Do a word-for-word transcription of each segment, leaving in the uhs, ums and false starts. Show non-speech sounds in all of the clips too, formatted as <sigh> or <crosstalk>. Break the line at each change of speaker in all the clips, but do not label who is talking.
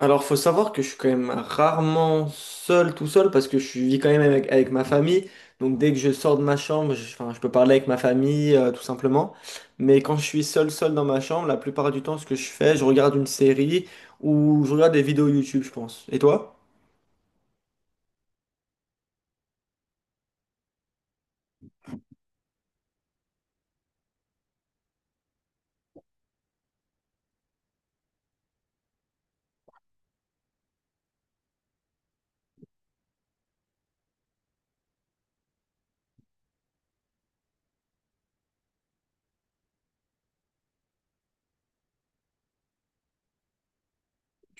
Alors, faut savoir que je suis quand même rarement seul, tout seul, parce que je vis quand même avec, avec ma famille. Donc, dès que je sors de ma chambre, je, enfin, je peux parler avec ma famille, euh, tout simplement. Mais quand je suis seul, seul dans ma chambre, la plupart du temps, ce que je fais, je regarde une série ou je regarde des vidéos YouTube, je pense. Et toi?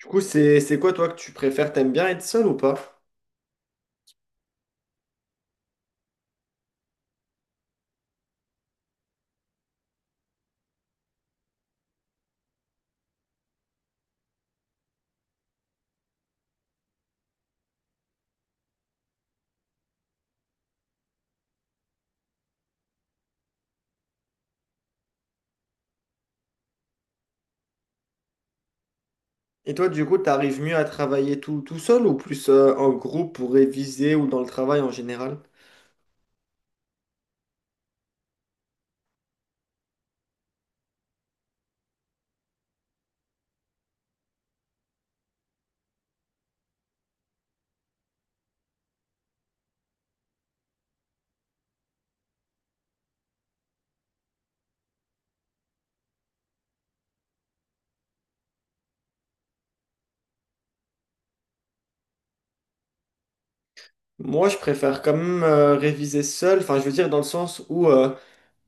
Du coup, c'est, c'est quoi, toi, que tu préfères? T'aimes bien être seul ou pas? Et toi, du coup, t'arrives mieux à travailler tout, tout seul ou plus, euh, en groupe pour réviser ou dans le travail en général? Moi, je préfère quand même euh, réviser seul, enfin je veux dire dans le sens où euh,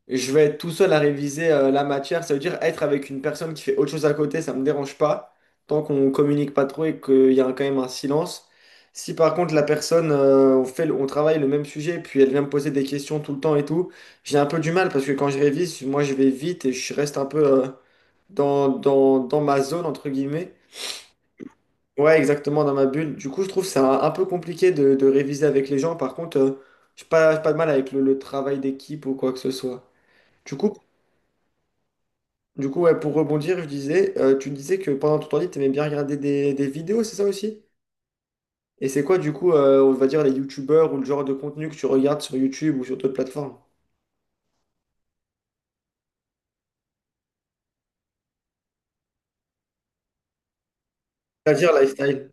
je vais être tout seul à réviser euh, la matière, ça veut dire être avec une personne qui fait autre chose à côté, ça me dérange pas, tant qu'on communique pas trop et qu'il y a un- quand même un silence. Si par contre la personne, euh, on fait, le- on travaille le même sujet, puis elle vient me poser des questions tout le temps et tout, j'ai un peu du mal parce que quand je révise, moi je vais vite et je reste un peu euh, dans, dans, dans ma zone, entre guillemets. Ouais, exactement, dans ma bulle. Du coup, je trouve ça un peu compliqué de, de réviser avec les gens. Par contre, euh, j'ai pas, j'ai pas de mal avec le, le travail d'équipe ou quoi que ce soit. Du coup, du coup ouais, pour rebondir, je disais, euh, tu disais que pendant ton temps libre, t'aimais bien regarder des, des vidéos, c'est ça aussi? Et c'est quoi, du coup, euh, on va dire les youtubeurs ou le genre de contenu que tu regardes sur YouTube ou sur d'autres plateformes? C'est-à-dire lifestyle.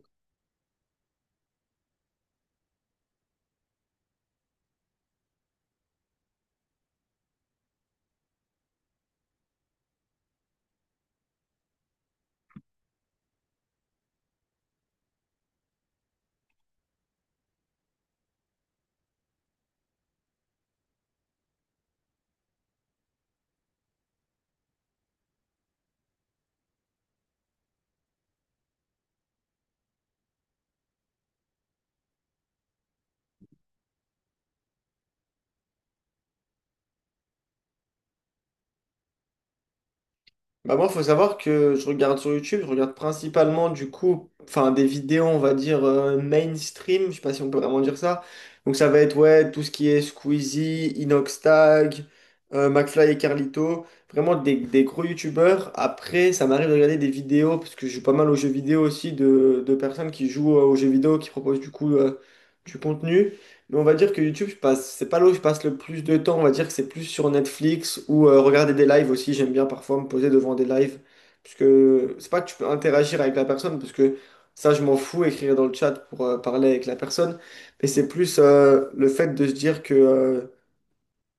Bah moi, faut savoir que je regarde sur YouTube, je regarde principalement du coup, enfin des vidéos, on va dire euh, mainstream, je sais pas si on peut vraiment dire ça. Donc ça va être ouais, tout ce qui est Squeezie, Inoxtag, euh, McFly et Carlito, vraiment des, des gros YouTubeurs. Après, ça m'arrive de regarder des vidéos, parce que je joue pas mal aux jeux vidéo aussi, de, de personnes qui jouent euh, aux jeux vidéo, qui proposent du coup euh, du contenu. Mais on va dire que YouTube, je passe, c'est pas là où je passe le plus de temps. On va dire que c'est plus sur Netflix ou euh, regarder des lives aussi. J'aime bien parfois me poser devant des lives. Parce que c'est pas que tu peux interagir avec la personne, parce que ça, je m'en fous, écrire dans le chat pour euh, parler avec la personne. Mais c'est plus euh, le fait de se dire que euh,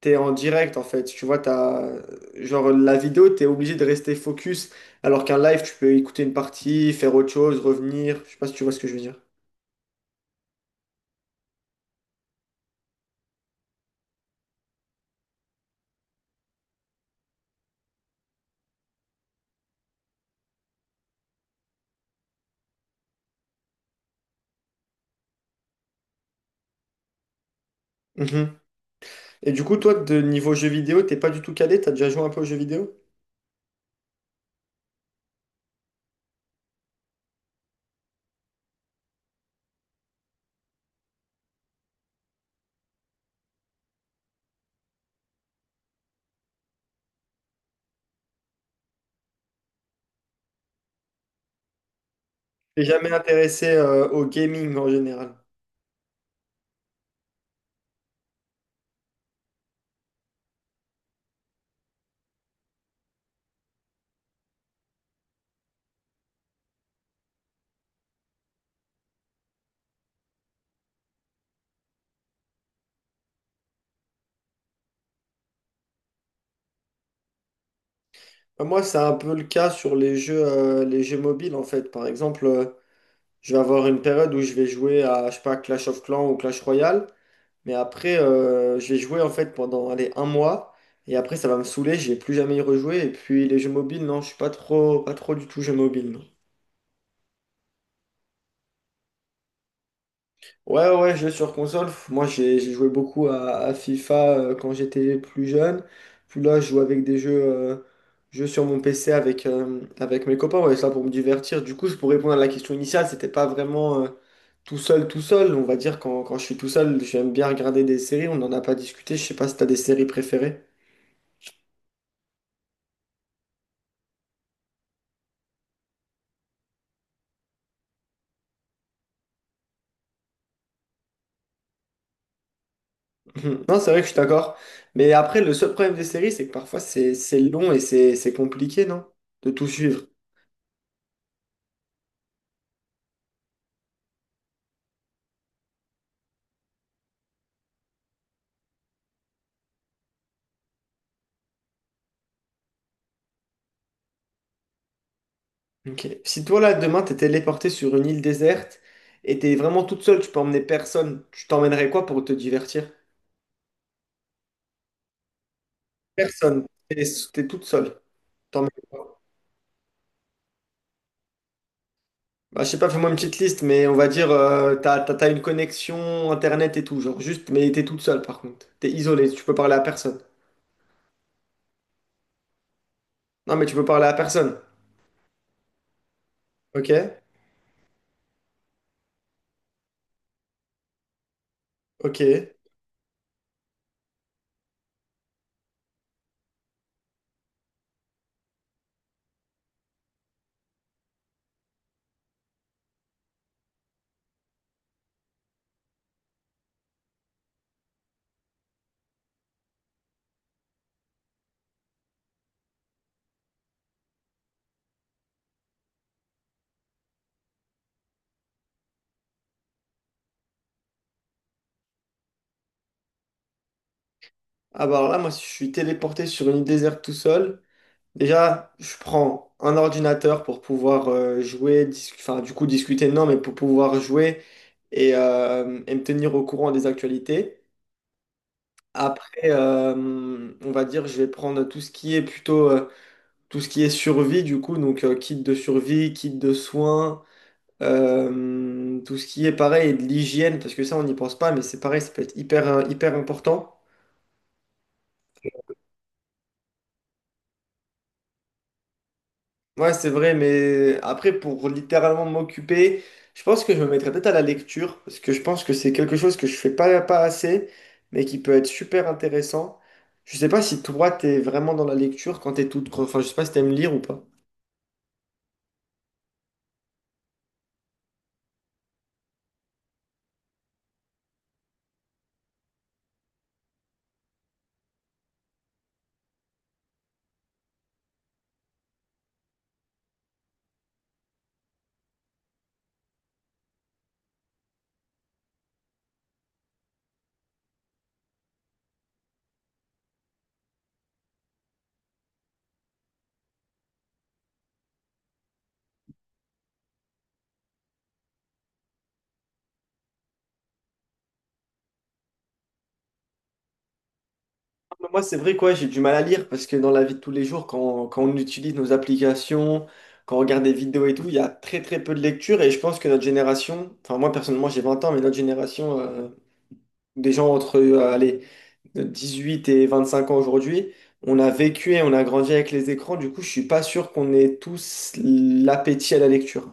t'es en direct, en fait. Tu vois, t'as, genre, la vidéo, t'es obligé de rester focus. Alors qu'un live, tu peux écouter une partie, faire autre chose, revenir. Je sais pas si tu vois ce que je veux dire. Et du coup, toi, de niveau jeux vidéo, t'es pas du tout calé, t'as déjà joué un peu aux jeux vidéo? T'es jamais intéressé euh, au gaming en général. Euh, Moi, c'est un peu le cas sur les jeux, euh, les jeux mobiles en fait. Par exemple, euh, je vais avoir une période où je vais jouer à, je sais pas, Clash of Clans ou Clash Royale, mais après, euh, je vais jouer en fait pendant, allez, un mois, et après, ça va me saouler, je vais plus jamais y rejouer. Et puis, les jeux mobiles, non, je suis pas trop, pas trop du tout jeu mobile. Ouais, ouais, jeux sur console. Pff, Moi, j'ai j'ai joué beaucoup à, à FIFA euh, quand j'étais plus jeune. Puis là, je joue avec des jeux, euh, jeux sur mon P C avec, euh, avec mes copains. Ouais, ça pour me divertir. Du coup, je pour répondre à la question initiale, c'était pas vraiment euh, tout seul, tout seul. On va dire, quand, quand je suis tout seul, j'aime bien regarder des séries. On n'en a pas discuté. Je sais pas si t'as des séries préférées. <laughs> Mhm. Non, c'est vrai que je suis d'accord. Mais après, le seul problème des séries, c'est que parfois, c'est c'est long et c'est c'est compliqué, non? De tout suivre. Ok. Si toi, là, demain, t'es téléporté sur une île déserte et t'es vraiment toute seule, tu peux emmener personne, tu t'emmènerais quoi pour te divertir? Personne. T'es t'es toute seule. T'emmènes quoi? Bah, je sais pas, fais-moi une petite liste, mais on va dire, euh, t'as, t'as- t'as une connexion internet et tout, genre juste, mais t'es toute seule par contre. T'es isolée, tu peux parler à personne. Non, mais tu peux parler à personne. Ok? Ok. Ah bah alors là, moi, si je suis téléporté sur une île déserte tout seul. Déjà, je prends un ordinateur pour pouvoir euh, jouer, dis- enfin du coup discuter, non, mais pour pouvoir jouer et, euh, et me tenir au courant des actualités. Après, euh, on va dire, je vais prendre tout ce qui est plutôt euh, tout ce qui est survie, du coup, donc euh, kit de survie, kit de soins, euh, tout ce qui est pareil, de l'hygiène, parce que ça, on n'y pense pas, mais c'est pareil, ça peut être hyper, euh, hyper important. Ouais, c'est vrai, mais après, pour littéralement m'occuper, je pense que je me mettrais peut-être à la lecture, parce que je pense que c'est quelque chose que je fais pas, pas assez, mais qui peut être super intéressant. Je sais pas si toi, t'es vraiment dans la lecture quand t'es toute... Enfin, je sais pas si t'aimes lire ou pas. Mais Moi, c'est vrai, quoi, j'ai du mal à lire, parce que dans la vie de tous les jours, quand, quand on utilise nos applications, quand on regarde des vidéos et tout, il y a très très peu de lecture, et je pense que notre génération, enfin moi personnellement j'ai vingt ans, mais notre génération, euh, des gens entre, euh, allez, de dix-huit et vingt-cinq ans aujourd'hui, on a vécu et on a grandi avec les écrans, du coup, je suis pas sûr qu'on ait tous l'appétit à la lecture.